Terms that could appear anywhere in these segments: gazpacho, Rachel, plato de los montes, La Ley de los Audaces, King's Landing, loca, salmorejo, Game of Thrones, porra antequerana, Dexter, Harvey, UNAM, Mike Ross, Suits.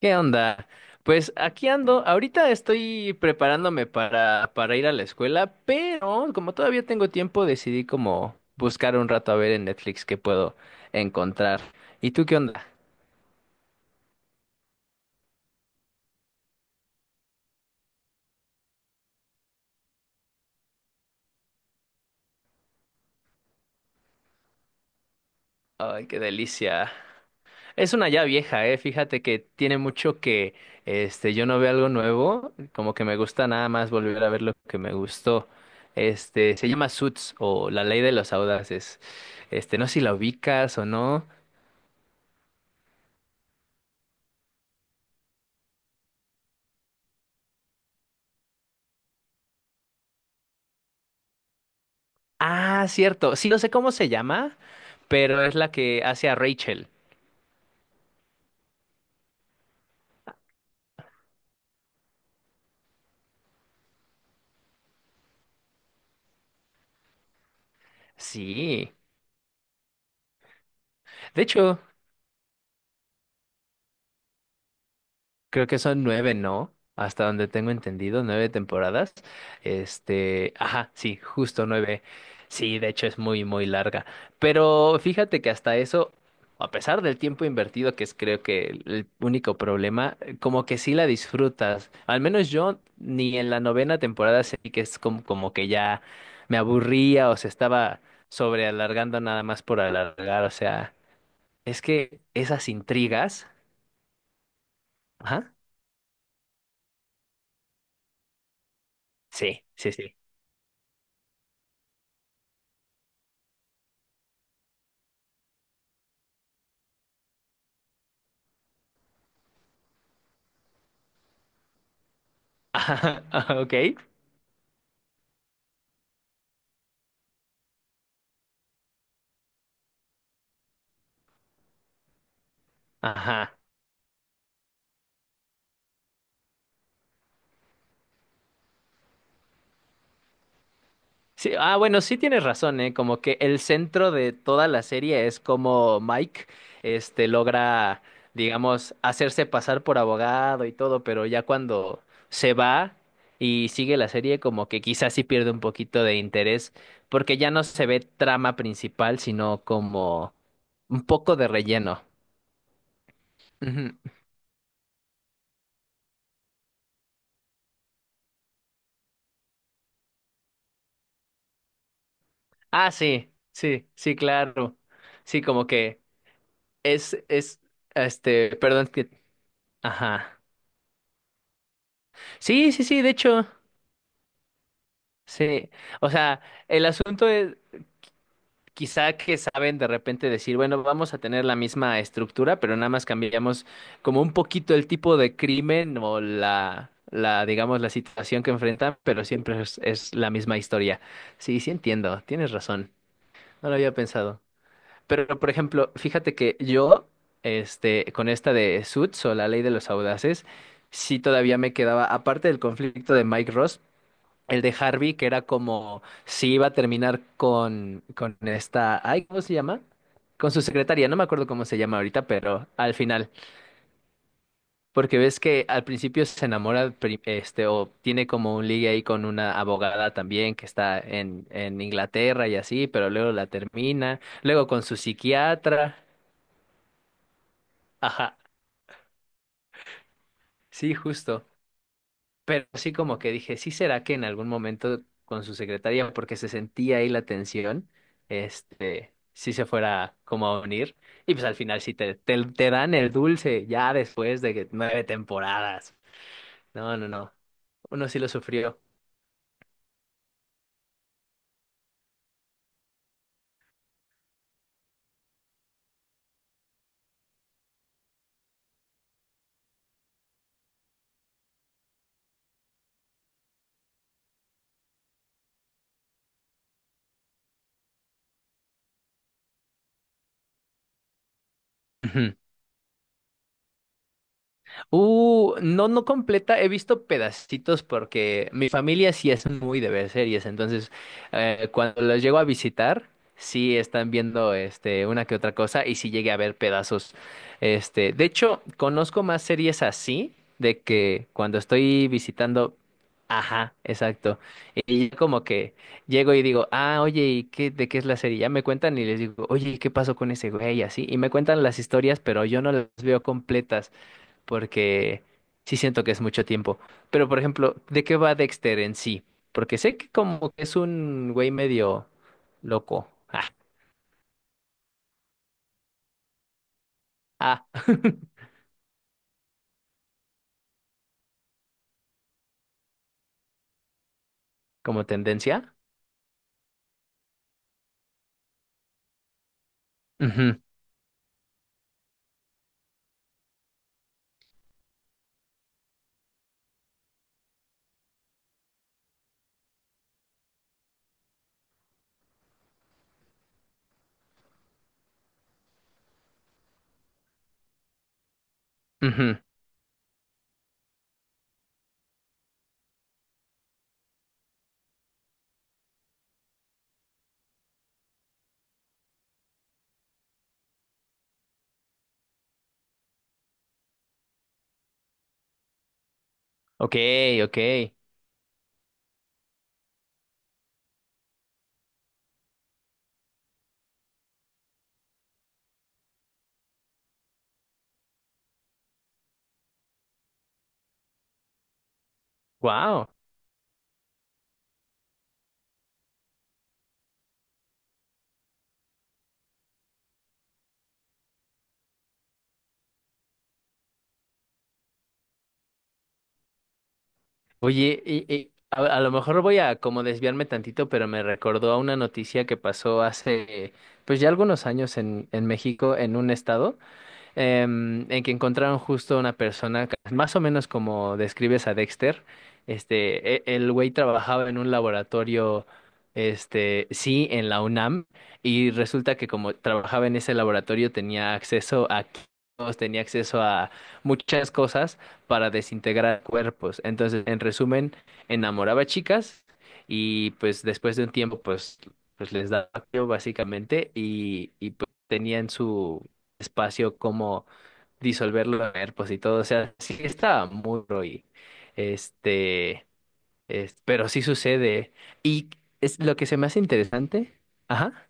¿Qué onda? Pues aquí ando. Ahorita estoy preparándome para ir a la escuela, pero como todavía tengo tiempo, decidí como buscar un rato a ver en Netflix qué puedo encontrar. ¿Y tú qué onda? Ay, qué delicia. Es una ya vieja, Fíjate que tiene mucho que yo no veo algo nuevo, como que me gusta nada más volver a ver lo que me gustó. Se llama Suits o La Ley de los Audaces. No sé si la ubicas o no. Ah, cierto. Sí, no sé cómo se llama, pero es la que hace a Rachel. Sí. De hecho, creo que son nueve, ¿no? Hasta donde tengo entendido, nueve temporadas. Ajá, sí, justo nueve. Sí, de hecho es muy larga. Pero fíjate que hasta eso, a pesar del tiempo invertido, que es creo que el único problema, como que sí la disfrutas. Al menos yo ni en la novena temporada sentí que es como que ya me aburría o se estaba sobrealargando nada más por alargar. O sea, es que esas intrigas, ajá, sí, sí, sí. Ajá, ajá, ok. Ajá. Sí, ah, bueno, sí tienes razón, ¿eh? Como que el centro de toda la serie es como Mike, logra, digamos, hacerse pasar por abogado y todo, pero ya cuando se va y sigue la serie, como que quizás sí pierde un poquito de interés, porque ya no se ve trama principal, sino como un poco de relleno. Ujú. Ah, sí, sí, sí, claro. Sí, como que es, es, perdón que… Ajá. Sí, sí, sí, de hecho, sí. O sea, el asunto es quizá que saben de repente decir, bueno, vamos a tener la misma estructura, pero nada más cambiamos como un poquito el tipo de crimen o digamos, la situación que enfrentan, pero siempre es la misma historia. Sí, sí entiendo, tienes razón. No lo había pensado. Pero, por ejemplo, fíjate que yo, con esta de Suits o la ley de los audaces, sí todavía me quedaba, aparte del conflicto de Mike Ross, el de Harvey, que era como si iba a terminar con esta, ay, ¿cómo se llama? Con su secretaria, no me acuerdo cómo se llama ahorita, pero al final, porque ves que al principio se enamora, o tiene como un ligue ahí con una abogada también que está en Inglaterra y así, pero luego la termina, luego con su psiquiatra, ajá, sí, justo. Pero sí como que dije, sí será que en algún momento con su secretaria, porque se sentía ahí la tensión, sí se fuera como a unir. Y pues al final sí te dan el dulce ya después de que nueve temporadas. No, no, no. Uno sí lo sufrió. No, no completa. He visto pedacitos porque mi familia sí es muy de ver series. Entonces, cuando los llego a visitar, sí están viendo una que otra cosa y sí llegué a ver pedazos. De hecho, conozco más series así de que cuando estoy visitando. Ajá, exacto. Y ya como que llego y digo, ah, oye, ¿y qué, de qué es la serie? Ya me cuentan y les digo, oye, ¿y qué pasó con ese güey? Y así. Y me cuentan las historias, pero yo no las veo completas porque sí siento que es mucho tiempo. Pero, por ejemplo, ¿de qué va Dexter en sí? Porque sé que como que es un güey medio loco. Ah, ah, como tendencia. Ujú, ujú. Ok, ok. Wow. Oye, y a lo mejor voy a como desviarme tantito, pero me recordó a una noticia que pasó hace, pues ya algunos años en México, en un estado. En que encontraron justo una persona, más o menos como describes a Dexter. El güey trabajaba en un laboratorio, este, sí, en la UNAM, y resulta que como trabajaba en ese laboratorio tenía acceso a químicos, tenía acceso a muchas cosas para desintegrar cuerpos. Entonces, en resumen, enamoraba a chicas y pues después de un tiempo, pues, pues les daba frío, básicamente y pues tenían su espacio, cómo disolverlo en cuerpos y todo. O sea, sí estaba muy duro y este, pero sí sucede. Y es lo que se me hace interesante, ajá,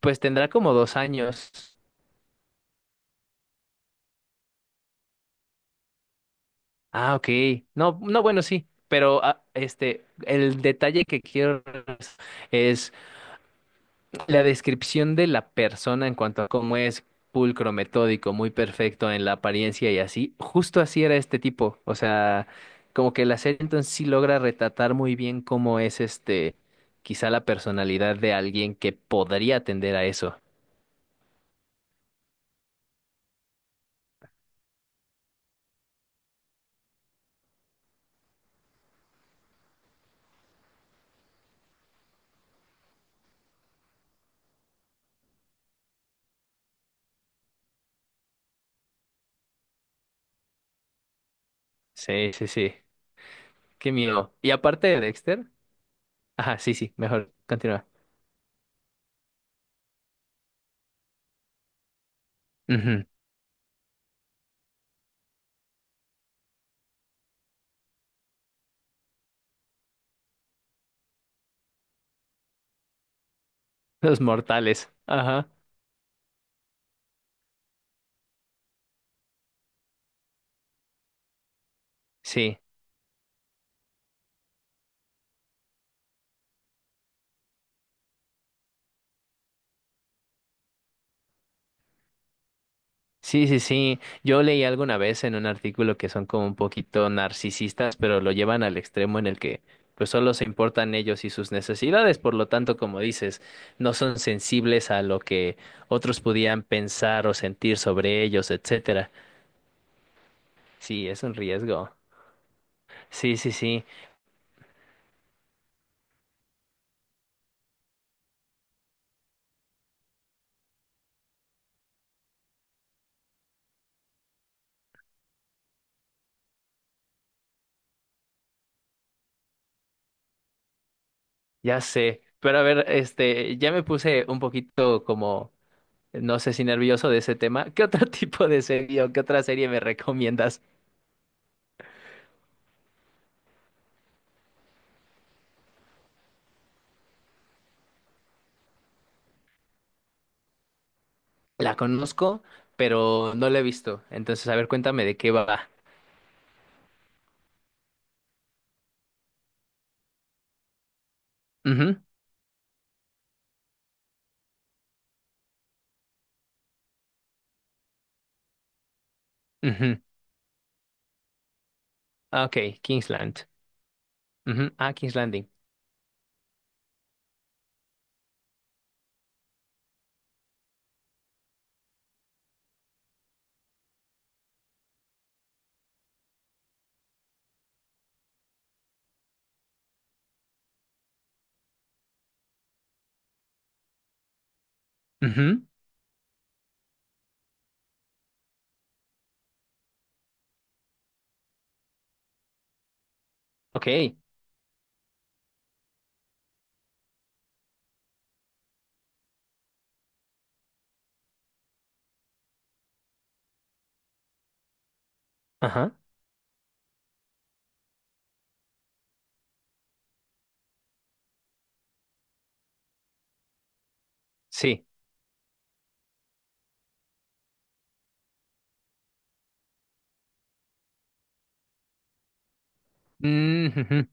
pues tendrá como 2 años. Ah, ok. No, no, bueno, sí. Pero ah, el detalle que quiero es la descripción de la persona en cuanto a cómo es pulcro, metódico, muy perfecto en la apariencia y así, justo así era este tipo. O sea, como que la serie entonces sí logra retratar muy bien cómo es quizá la personalidad de alguien que podría tender a eso. Sí, sí, sí. Qué miedo. Y aparte de Dexter, ajá, sí, sí, mejor continúa. Ujú. Los mortales. Ajá. Sí. Sí, sí, sí. Yo leí alguna vez en un artículo que son como un poquito narcisistas, pero lo llevan al extremo en el que pues solo se importan ellos y sus necesidades, por lo tanto, como dices, no son sensibles a lo que otros pudieran pensar o sentir sobre ellos, etcétera. Sí, es un riesgo. Sí, sí, sí, ya sé. Pero a ver, ya me puse un poquito como, no sé si nervioso de ese tema. ¿Qué otro tipo de serie o qué otra serie me recomiendas? La conozco, pero no la he visto. Entonces, a ver, cuéntame de qué va. Ujú, ujú. Ah, ok, Kingsland. Ujú, ah, King's Landing. Ujú, ok. Ajá. Sí. Mm, ujú.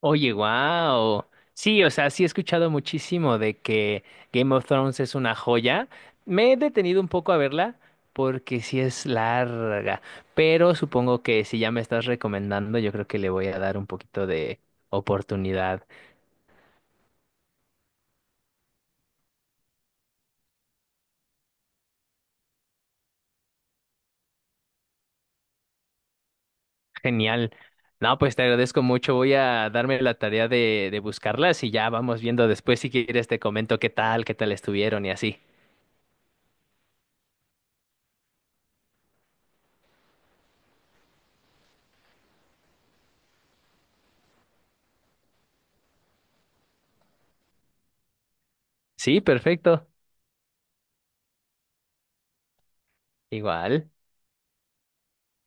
Oye, wow. Sí, o sea, sí he escuchado muchísimo de que Game of Thrones es una joya. Me he detenido un poco a verla porque sí es larga, pero supongo que si ya me estás recomendando, yo creo que le voy a dar un poquito de oportunidad. Genial. No, pues te agradezco mucho. Voy a darme la tarea de buscarlas y ya vamos viendo después si quieres te comento qué tal estuvieron y así. Sí, perfecto. Igual.